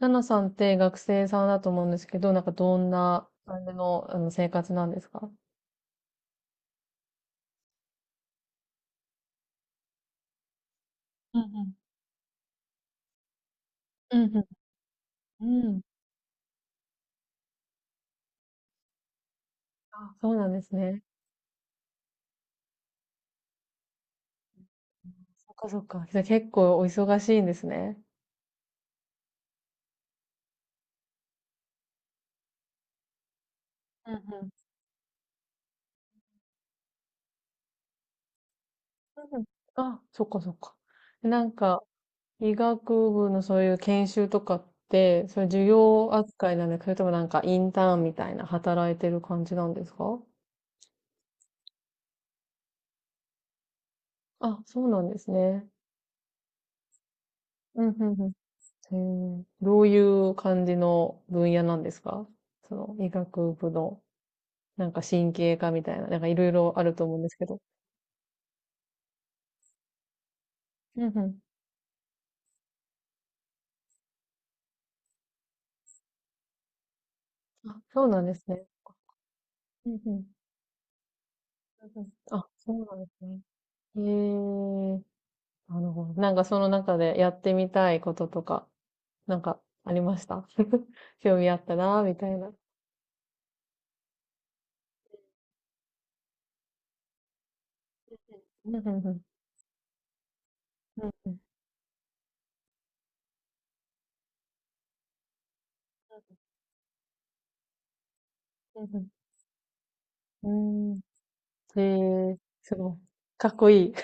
ナナさんって学生さんだと思うんですけど、どんな感じの、生活なんですか？うんうんうん。うん。うん。あ、そうなんですね。そっかそっか。じゃあ結構お忙しいんですね。うんうんうんうん。あ、そっかそっか。なんか、医学部のそういう研修とかって、そういう授業扱いなんですか？それともインターンみたいな働いてる感じなんですか？あ、そうなんですね。うんうんうん。へえ、どういう感じの分野なんですか？その医学部の、神経科みたいな、いろいろあると思うんですけど。うんうん。あ、そうなんですね。うんうん。うんうん。あ、そうなんですね。へえ、なるほど。その中でやってみたいこととか、ありました？ 興味あったな、みたいな。うんうんうん。うんうん。うんうん。うん。へえ、すごい。かっこいい。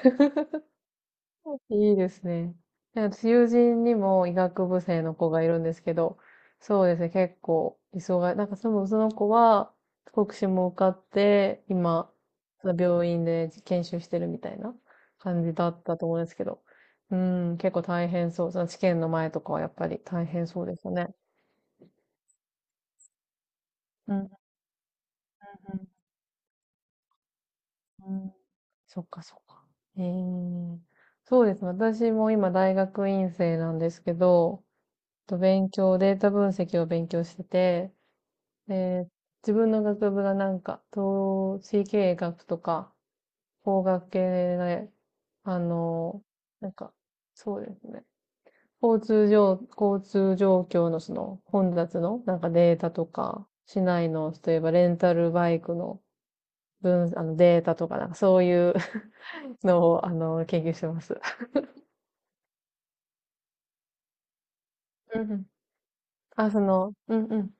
いいですね。なんか友人にも医学部生の子がいるんですけど、そうですね、結構、忙い。その子は、国試も受かって、今、その病院で研修してるみたいな感じだったと思うんですけど、うん、結構大変そう。その試験の前とかはやっぱり大変そうですよね。うんうんうんうん。そっかそっか。ええ。そうですね。私も今大学院生なんですけど、と勉強、データ分析を勉強してて、で、自分の学部が統計経営学とか、法学系で、あの、なんか、そうですね。交通状、交通状況のその混雑のデータとか、市内の、例えばレンタルバイクの分、あのデータとか、そういう のを、あの、研究してます。うんうん。あ、その、うんうん。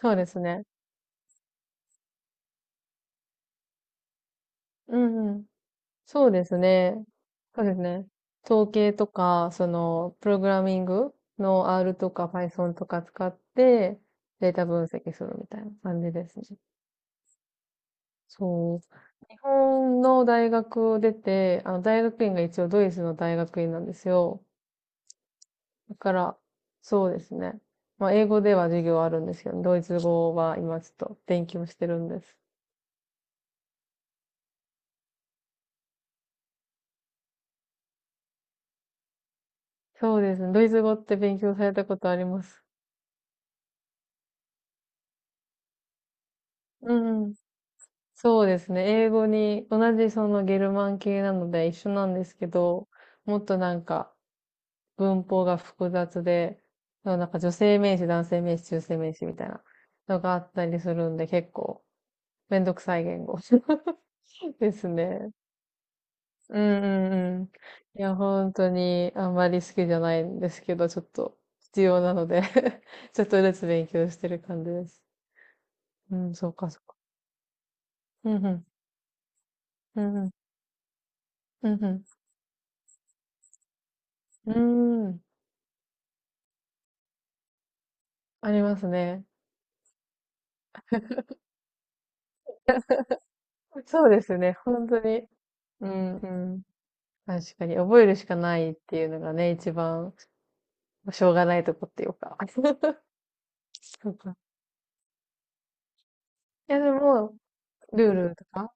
そうですね。うんうん。そうですね。そうですね。統計とか、その、プログラミングの R とか Python とか使って、データ分析するみたいな感じですね。そう。日本の大学を出て、あの、大学院が一応ドイツの大学院なんですよ。だから、そうですね。まあ、英語では授業あるんですけど、ドイツ語は今ちょっと勉強してるんです。そうですね。ドイツ語って勉強されたことあります？うん。そうですね。英語に、同じそのゲルマン系なので一緒なんですけど、もっと文法が複雑で、女性名詞、男性名詞、中性名詞みたいなのがあったりするんで、結構めんどくさい言語 ですね。うんうんうん。いや、本当にあんまり好きじゃないんですけど、ちょっと必要なので ちょっとずつ勉強してる感じです。うん、そうかそうか。うんうん。うんうん。うんうん。うーん。ありますね。そうですね。本当に。うん、うん。確かに。覚えるしかないっていうのがね、一番、しょうがないとこっていうか。そうか。いや、でも、ルールとか、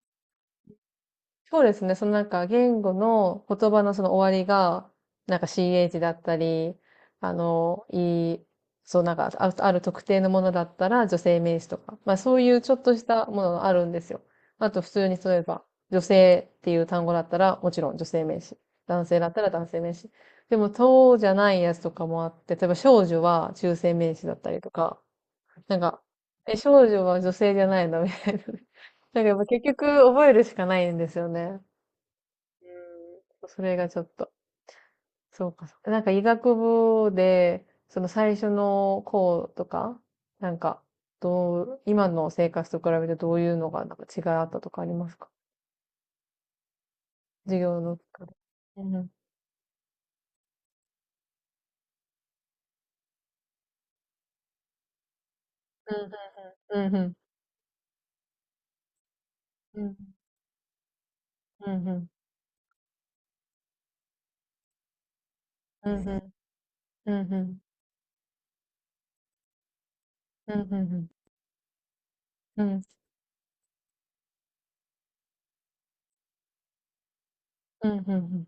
そうですね。その言語の言葉のその終わりが、ch だったり、あの、いい、そうある特定のものだったら女性名詞とか、まあそういうちょっとしたものがあるんですよ。あと普通に例えば、女性っていう単語だったらもちろん女性名詞。男性だったら男性名詞。でも、そうじゃないやつとかもあって、例えば少女は中性名詞だったりとか、なんか、え、少女は女性じゃないのみたいな。だからやっぱ結局覚えるしかないんですよね。うん、それがちょっと。そうかそうか。なんか医学部で、その最初の項とか、なんか、どう、今の生活と比べてどういうのが違いあったとかありますか？授業の中で。うんうん。うんうんうん。うんうんうん。うんうん。うんうん。うんうん。うんうん。うんうん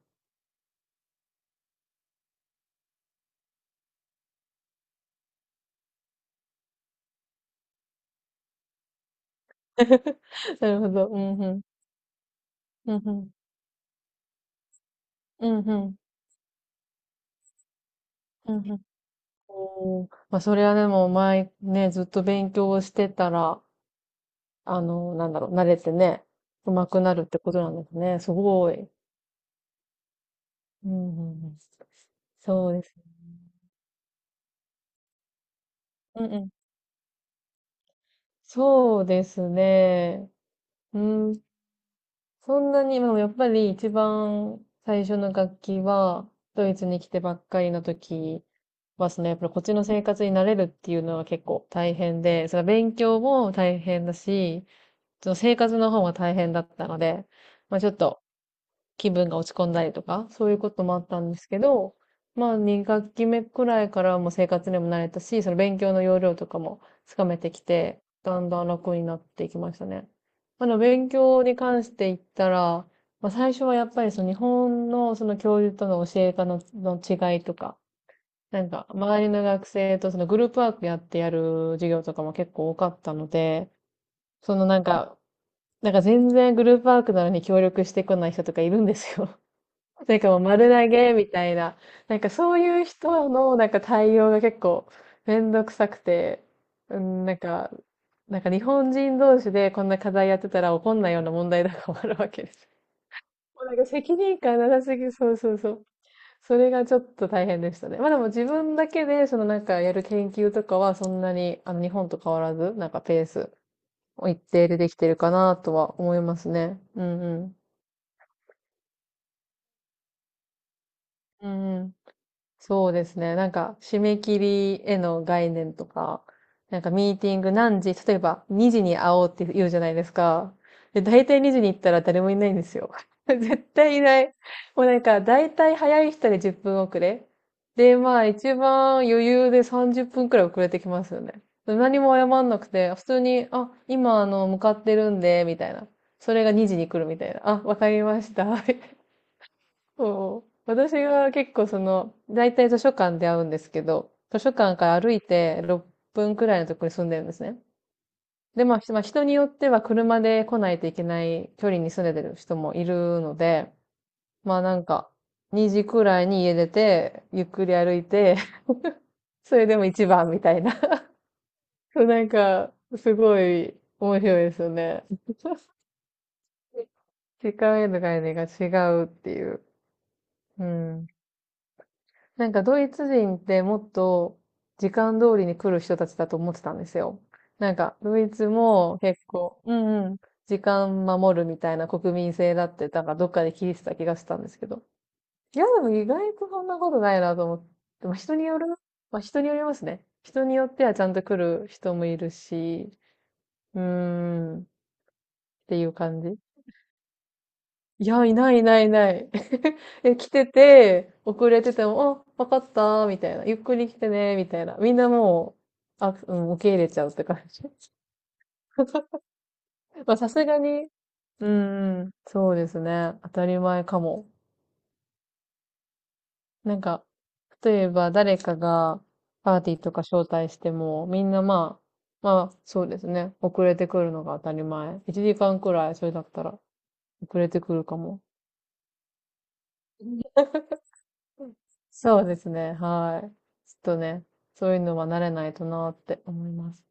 なるほど。うんうん。うんうん。うんうん。うんうん。おー、まあ、それはでも前ね、ずっと勉強をしてたら、あの、なんだろう、慣れてね、上手くなるってことなんですね。すごい。うんうんうん、そうですね。うんうん。そうですね。うん。そんなに、でもやっぱり一番最初の楽器は、ドイツに来てばっかりの時は、そのやっぱりこっちの生活に慣れるっていうのは結構大変で、その勉強も大変だし、その生活の方も大変だったので、まあちょっと気分が落ち込んだりとか、そういうこともあったんですけど、まあ2学期目くらいからはもう生活にも慣れたし、その勉強の要領とかもつかめてきて、だんだん楽になっていきましたね。まあ、でも勉強に関して言ったら、まあ最初はやっぱりその日本のその教授との教え方の、の違いとか、周りの学生とそのグループワークやってやる授業とかも結構多かったので、そのなんか、全然グループワークなのに協力してこない人とかいるんですよ。なんかもう丸投げみたいな。そういう人の対応が結構めんどくさくて、うん、なんか、日本人同士でこんな課題やってたら怒んないような問題とかもあるわけです。もうなんか責任感なさすぎ、そうそうそう。それがちょっと大変でしたね。まあでも自分だけでそのやる研究とかはそんなにあの日本と変わらず、ペースを一定でできてるかなとは思いますね。うんうん。うんうん。そうですね。なんか、締め切りへの概念とか、なんかミーティング何時、例えば2時に会おうって言うじゃないですか。で、大体2時に行ったら誰もいないんですよ。絶対いない。もうなんか、大体早い人で10分遅れ。で、まあ、一番余裕で30分くらい遅れてきますよね。何も謝んなくて、普通に、あ、今、あの、向かってるんで、みたいな。それが2時に来るみたいな。あ、わかりました。そう。私が結構その、だいたい図書館で会うんですけど、図書館から歩いて6分くらいのところに住んでるんですね。で、まあ、あ、人によっては車で来ないといけない距離に住んでる人もいるので、まあなんか、2時くらいに家出て、ゆっくり歩いて、それでも一番みたいな。そう、なんか、すごい面白いですよね。時間への概念が違うっていう。うん。なんかドイツ人ってもっと時間通りに来る人たちだと思ってたんですよ。なんかドイツも結構、うんうん、時間守るみたいな国民性だって、なんかどっかで聞いてた気がしたんですけど。いや、でも意外とそんなことないなと思って、まあ、人による、まあ、人によりますね。人によってはちゃんと来る人もいるし、うーん、っていう感じ。いや、いないいないいない。え、来てて、遅れてても、あ、わかったみたいな。ゆっくり来てね、みたいな。みんなもう、あ、うん、受け入れちゃうって感じ。まあ、さすがに、うん、そうですね。当たり前かも。なんか、例えば誰かがパーティーとか招待しても、みんな、そうですね。遅れてくるのが当たり前。1時間くらい、それだったら、遅れてくるかも。そうですね。はい。ちょっとね、そういうのは慣れないとなって思います。